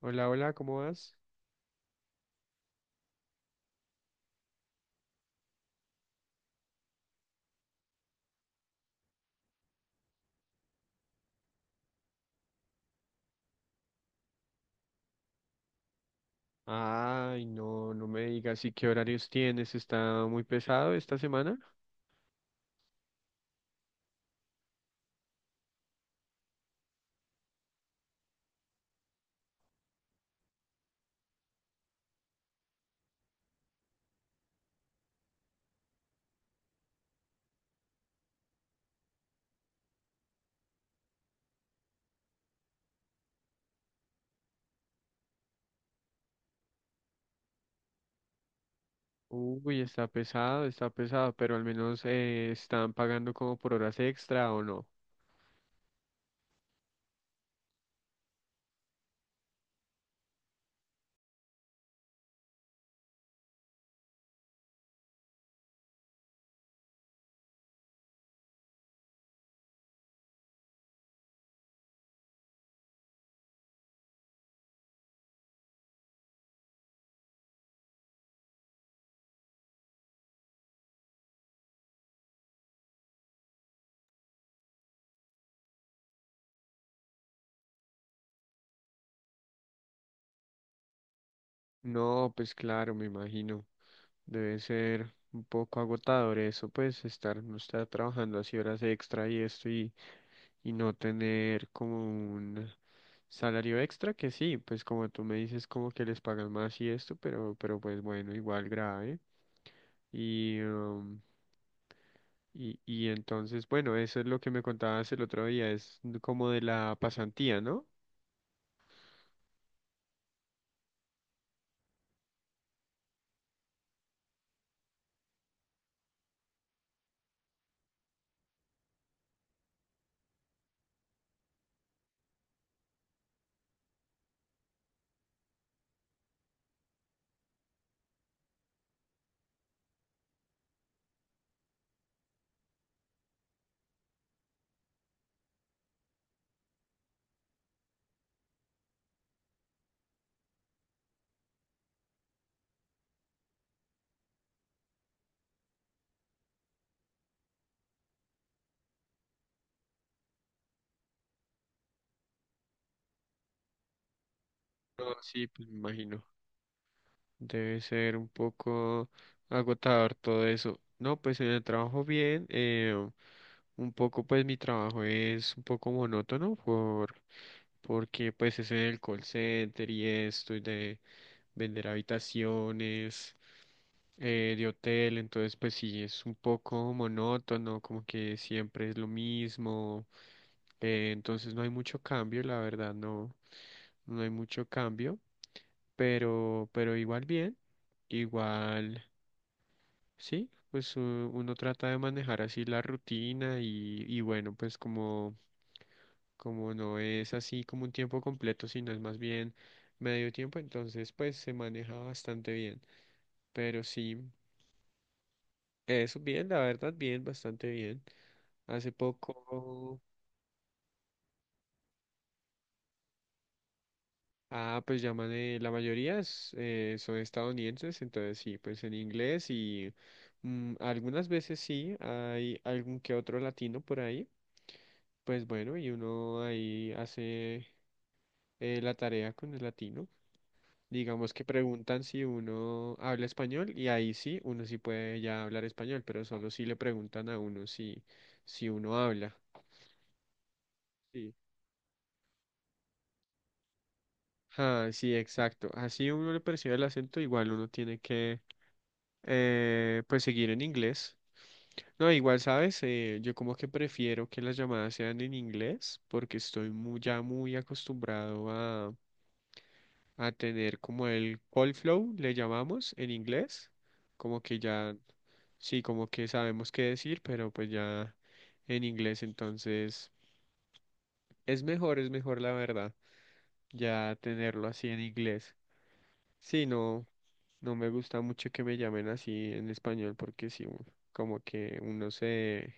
Hola, hola, ¿cómo vas? Ay, no, no me digas, ¿y qué horarios tienes? ¿Está muy pesado esta semana? Uy, está pesado, pero al menos están pagando como por horas extra o no. No, pues claro, me imagino. Debe ser un poco agotador eso, pues estar, no estar trabajando así horas extra y esto y no tener como un salario extra, que sí, pues como tú me dices, como que les pagan más y esto, pero pues bueno, igual grave. Y, um, y entonces, bueno, eso es lo que me contabas el otro día, es como de la pasantía, ¿no? No, sí, pues me imagino. Debe ser un poco agotador todo eso. No, pues en el trabajo bien, un poco pues mi trabajo es un poco monótono por, porque pues es en el call center y esto y de vender habitaciones. De hotel, entonces pues sí, es un poco monótono, como que siempre es lo mismo, entonces no hay mucho cambio, la verdad, no, no hay mucho cambio, pero igual bien, igual, sí, pues uno trata de manejar así la rutina y bueno, pues como, como no es así como un tiempo completo, sino es más bien medio tiempo, entonces pues se maneja bastante bien, pero sí. Eso bien, la verdad, bien, bastante bien. Hace poco, ah, pues llaman, la mayoría es, son estadounidenses, entonces sí, pues en inglés y mm, algunas veces sí, hay algún que otro latino por ahí, pues bueno, y uno ahí hace la tarea con el latino. Digamos que preguntan si uno habla español y ahí sí, uno sí puede ya hablar español, pero solo si le preguntan a uno si, si uno habla. Sí. Ah, sí, exacto. Así uno le percibe el acento, igual uno tiene que pues seguir en inglés. No, igual, ¿sabes? Yo como que prefiero que las llamadas sean en inglés porque estoy muy, ya muy acostumbrado a tener como el call flow, le llamamos en inglés. Como que ya, sí, como que sabemos qué decir, pero pues ya en inglés, entonces es mejor la verdad, ya tenerlo así en inglés. Sí, no. No me gusta mucho que me llamen así en español porque sí, como que uno se,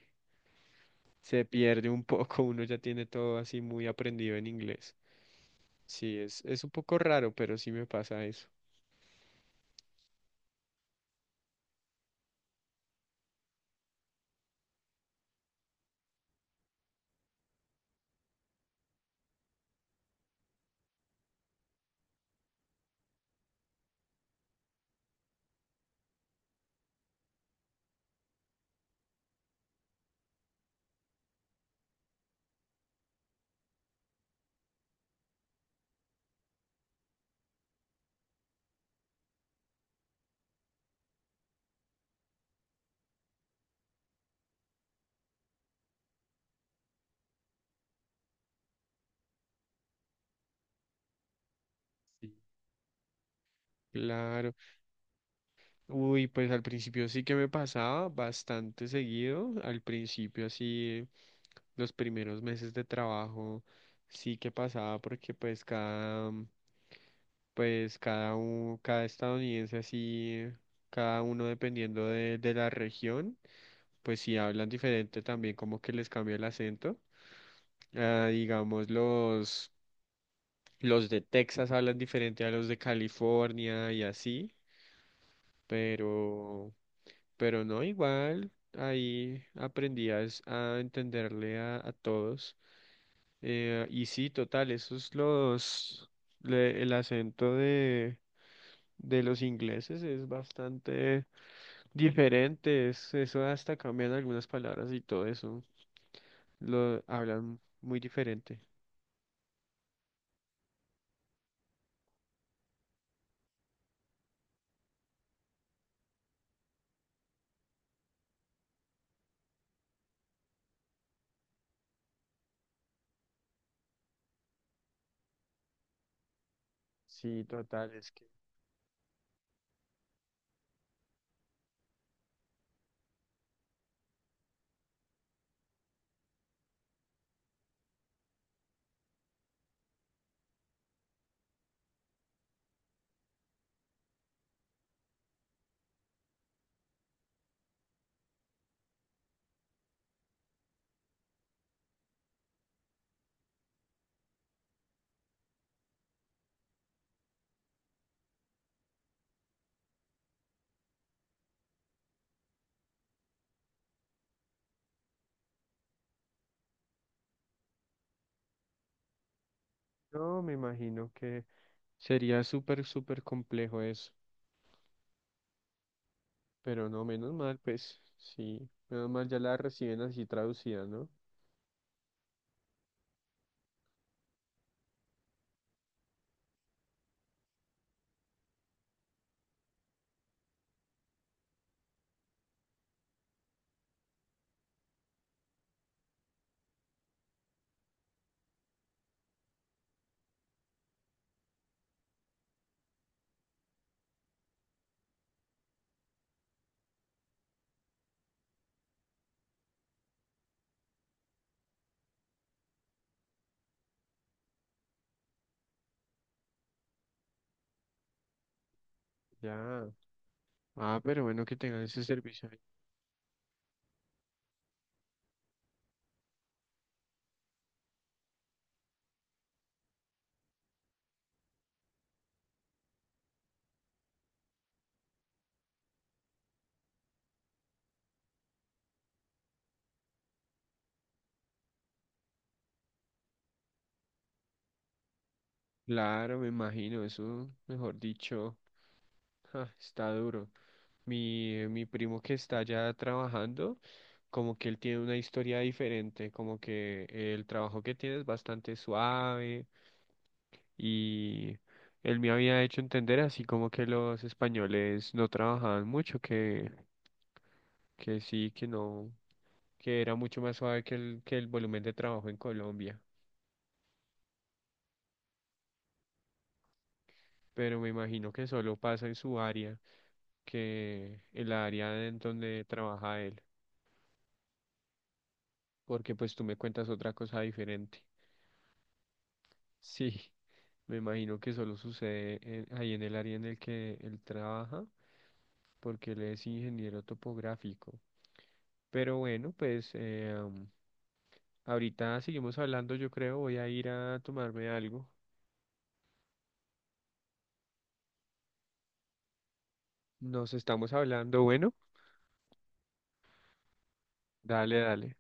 se pierde un poco, uno ya tiene todo así muy aprendido en inglés. Sí, es un poco raro, pero sí me pasa eso. Sí. Claro. Uy, pues al principio sí que me pasaba bastante seguido. Al principio así, los primeros meses de trabajo sí que pasaba porque pues cada... Pues cada uno, cada estadounidense así, cada uno dependiendo de la región, pues si hablan diferente también como que les cambia el acento. Ah, digamos los de Texas hablan diferente a los de California y así, pero, pero no igual, ahí aprendí a, a entenderle a todos. Y sí, total, esos los, el acento de los ingleses es bastante diferentes, eso hasta cambian algunas palabras y todo eso. Lo hablan muy diferente. Sí, total, es que no me imagino que sería súper, súper complejo eso. Pero no, menos mal, pues sí, menos mal ya la reciben así traducida, ¿no? Ya. Ah, pero bueno que tengan ese servicio. Ahí. Claro, me imagino, eso, mejor dicho, ja, está duro. Mi primo que está ya trabajando, como que él tiene una historia diferente, como que el trabajo que tiene es bastante suave y él me había hecho entender así como que los españoles no trabajaban mucho, que sí, que no, que era mucho más suave que el volumen de trabajo en Colombia, pero me imagino que solo pasa en su área, que el área en donde trabaja él, porque pues tú me cuentas otra cosa diferente. Sí, me imagino que solo sucede ahí en el área en el que él trabaja, porque él es ingeniero topográfico. Pero bueno, pues ahorita seguimos hablando, yo creo, voy a ir a tomarme algo. Nos estamos hablando, bueno, dale, dale.